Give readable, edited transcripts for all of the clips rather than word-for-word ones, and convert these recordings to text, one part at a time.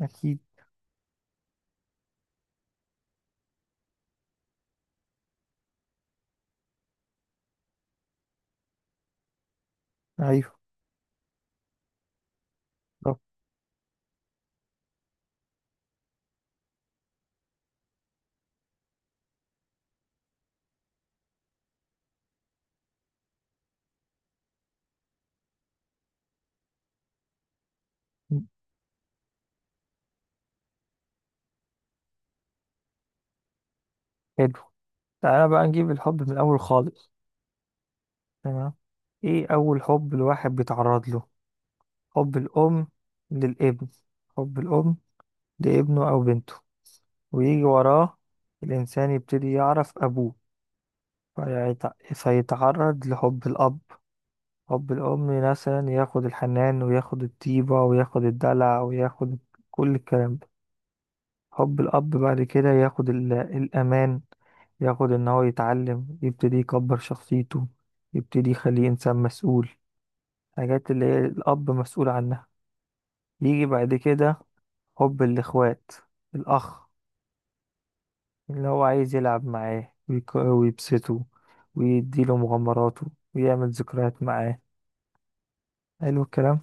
أكيد. أيوه. طب حلو، تعالى بقى نجيب الحب من الأول خالص. تمام، إيه أول حب الواحد بيتعرض له؟ حب الأم للابن، حب الأم لابنه أو بنته، ويجي وراه الإنسان يبتدي يعرف أبوه فيتعرض لحب الأب. حب الأم مثلا ياخد الحنان وياخد الطيبة وياخد الدلع وياخد كل الكلام ده. حب الأب بعد كده ياخد الأمان، ياخد إن هو يتعلم، يبتدي يكبر شخصيته، يبتدي يخليه إنسان مسؤول، حاجات اللي هي الأب مسؤول عنها. يجي بعد كده حب الإخوات، الأخ اللي هو عايز يلعب معاه ويبسطه، ويديله مغامراته، ويعمل ذكريات معاه. حلو الكلام.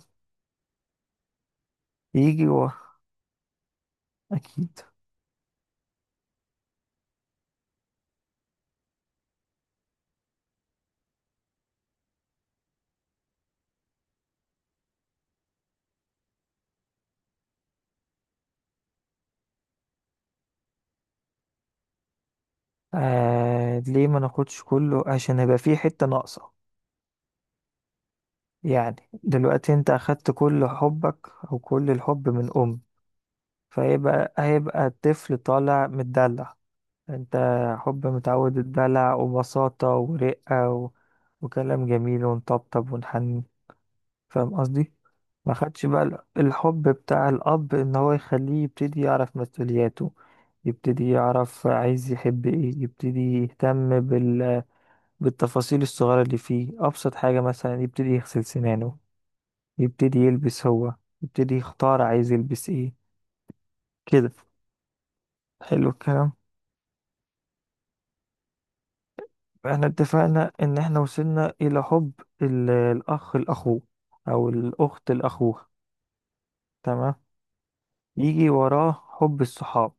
يجي و... أكيد. آه ليه ما ناخدش كله؟ عشان هيبقى فيه حتة ناقصة. يعني دلوقتي انت اخدت كل حبك او كل الحب من ام، فهيبقى الطفل طالع متدلع. انت حب متعود الدلع وبساطة ورقة و... وكلام جميل ونطبطب ونحني. فاهم قصدي؟ ما خدش بقى الحب بتاع الاب ان هو يخليه يبتدي يعرف مسؤولياته، يبتدي يعرف عايز يحب ايه، يبتدي يهتم بال... بالتفاصيل الصغيرة اللي فيه، ابسط حاجة مثلا يبتدي يغسل سنانه، يبتدي يلبس هو، يبتدي يختار عايز يلبس ايه، كده. حلو الكلام. احنا اتفقنا ان احنا وصلنا الى حب الاخ لاخوه او الاخت لاخوها. تمام. يجي وراه حب الصحاب،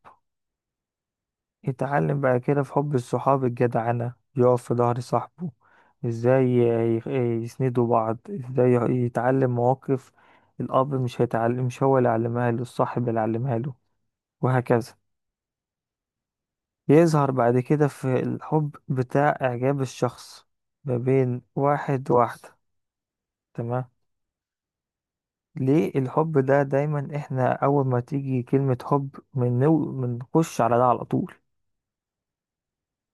يتعلم بعد كده في حب الصحاب الجدعنة، يقف في ظهر صاحبه، ازاي يسندوا بعض، ازاي يتعلم مواقف الاب مش هيتعلم، مش هو اللي علمها له، الصاحب اللي علمها له، وهكذا. يظهر بعد كده في الحب بتاع إعجاب الشخص ما بين واحد وواحدة. تمام. ليه الحب ده دايما احنا أول ما تيجي كلمة حب بنخش على ده على طول؟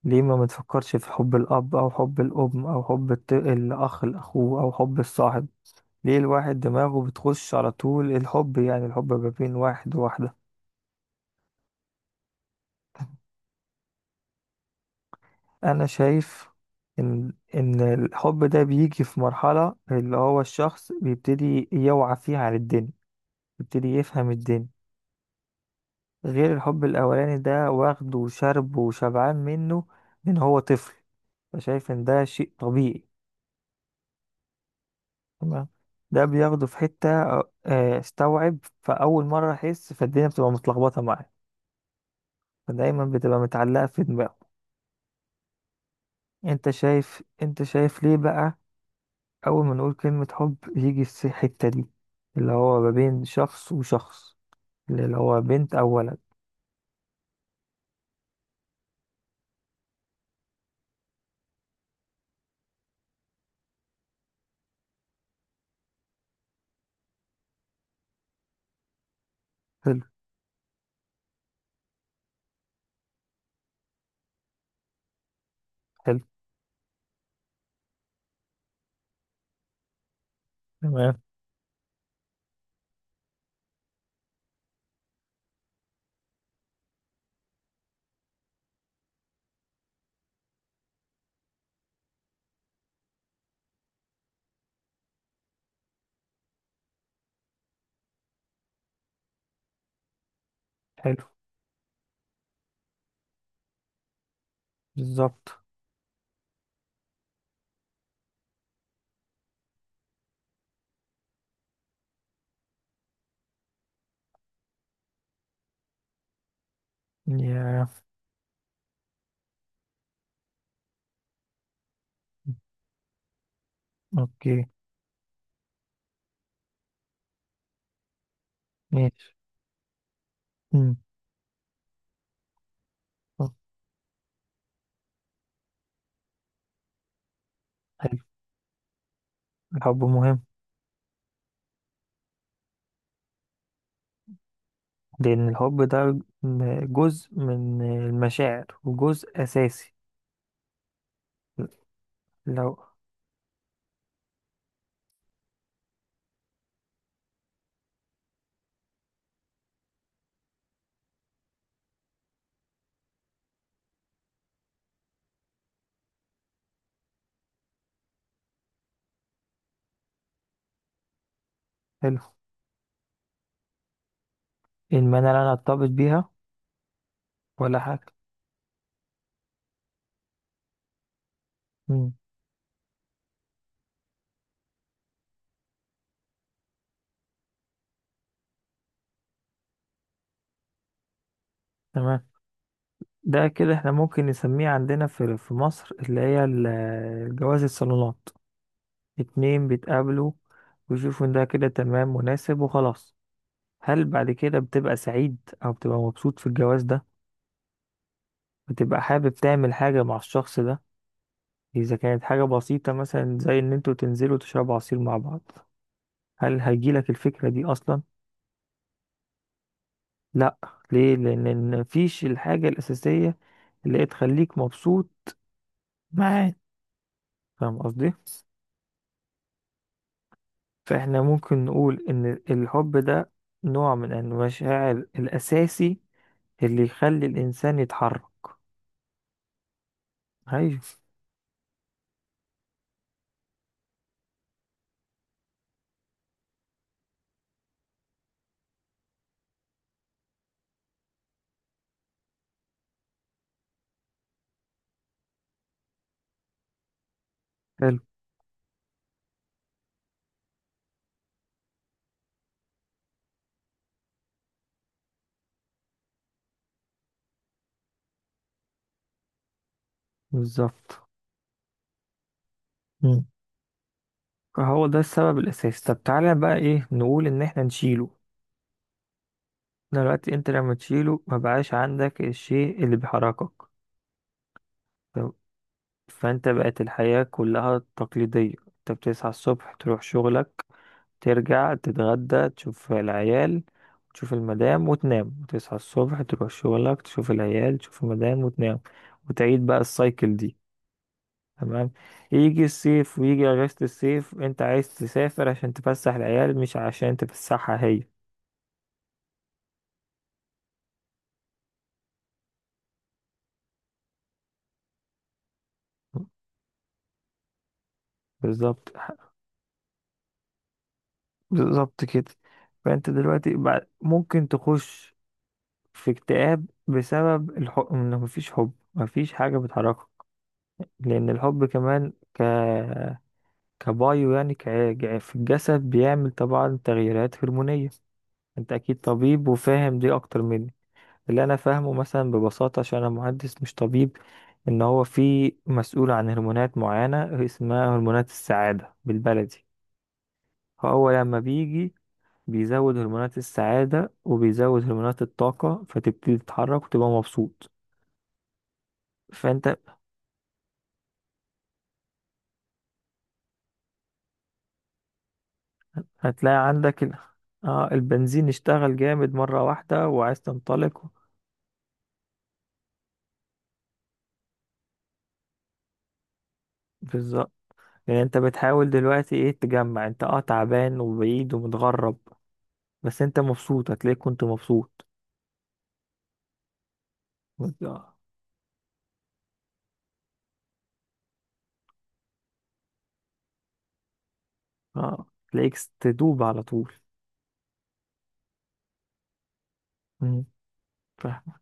ليه ما بنفكرش في حب الأب أو حب الأم أو حب الأخ لأخوه أو حب الصاحب؟ ليه الواحد دماغه بتخش على طول الحب؟ يعني الحب ما بين واحد وواحدة. انا شايف ان الحب ده بيجي في مرحلة اللي هو الشخص بيبتدي يوعى فيها على الدنيا، بيبتدي يفهم الدنيا، غير الحب الاولاني ده واخده وشربه وشبعان منه من هو طفل، فشايف ان ده شيء طبيعي. تمام. ده بياخده في حتة، استوعب فاول مرة، احس فالدنيا بتبقى متلخبطة معاه، فدايما بتبقى متعلقة في دماغه. انت شايف، ليه بقى أول ما نقول كلمة حب يجي الحتة دي، اللي هو ما بين شخص وشخص، اللي هو بنت أو ولد. حلو. حلو. تمام. حلو. بالظبط. يا أوكي. ماشي. مم. حلو. الحب مهم. لأن الحب ده جزء من المشاعر وجزء أساسي. لو حلو، إن أنا لا أرتبط بيها، ولا حاجة. مم. تمام، ده كده احنا ممكن نسميه عندنا في مصر اللي هي الجواز الصالونات. اتنين بيتقابلوا ويشوفوا ان ده كده تمام مناسب وخلاص. هل بعد كده بتبقى سعيد او بتبقى مبسوط في الجواز ده؟ بتبقى حابب تعمل حاجة مع الشخص ده؟ اذا كانت حاجة بسيطة مثلا زي ان انتوا تنزلوا تشربوا عصير مع بعض، هل هيجيلك الفكرة دي اصلا؟ لا. ليه؟ لان مفيش الحاجة الاساسية اللي هي تخليك مبسوط معاه. فاهم قصدي؟ فاحنا ممكن نقول ان الحب ده نوع من المشاعر الاساسي اللي يخلي الإنسان يتحرك. أيوه. حلو. بالظبط. مم. هو ده السبب الأساسي. طب تعالى بقى، إيه نقول إن إحنا نشيله؟ دلوقتي أنت لما تشيله مبقاش عندك الشيء اللي بيحركك. طب فأنت بقت الحياة كلها تقليدية، أنت بتصحى الصبح تروح شغلك، ترجع تتغدى تشوف العيال تشوف المدام وتنام، وتصحى الصبح تروح شغلك تشوف العيال تشوف المدام وتنام، وتعيد بقى السايكل دي. تمام. يجي الصيف ويجي اجازة الصيف، انت عايز تسافر عشان تفسح العيال مش عشان تفسحها هي. بالظبط. بالظبط كده. فانت دلوقتي بعد ممكن تخش في اكتئاب بسبب الحب، انه مفيش حب مفيش حاجة بتحركك. لان الحب كمان كبايو يعني ك... في الجسد بيعمل طبعا تغييرات هرمونية. انت اكيد طبيب وفاهم دي اكتر مني. اللي انا فاهمه مثلا ببساطه، عشان انا مهندس مش طبيب، ان هو في مسؤول عن هرمونات معينه اسمها هرمونات السعاده بالبلدي. فهو لما بيجي بيزود هرمونات السعاده وبيزود هرمونات الطاقه، فتبتدي تتحرك وتبقى مبسوط. فانت هتلاقي عندك ال... آه البنزين اشتغل جامد مره واحده وعايز تنطلق. بالظبط. يعني انت بتحاول دلوقتي ايه، تجمع انت، اه تعبان وبعيد ومتغرب، بس انت مبسوط. هتلاقيك كنت مبسوط. اه. تلاقيك تدوب على طول. مم. فاهم.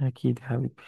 اكيد يا حبيبي.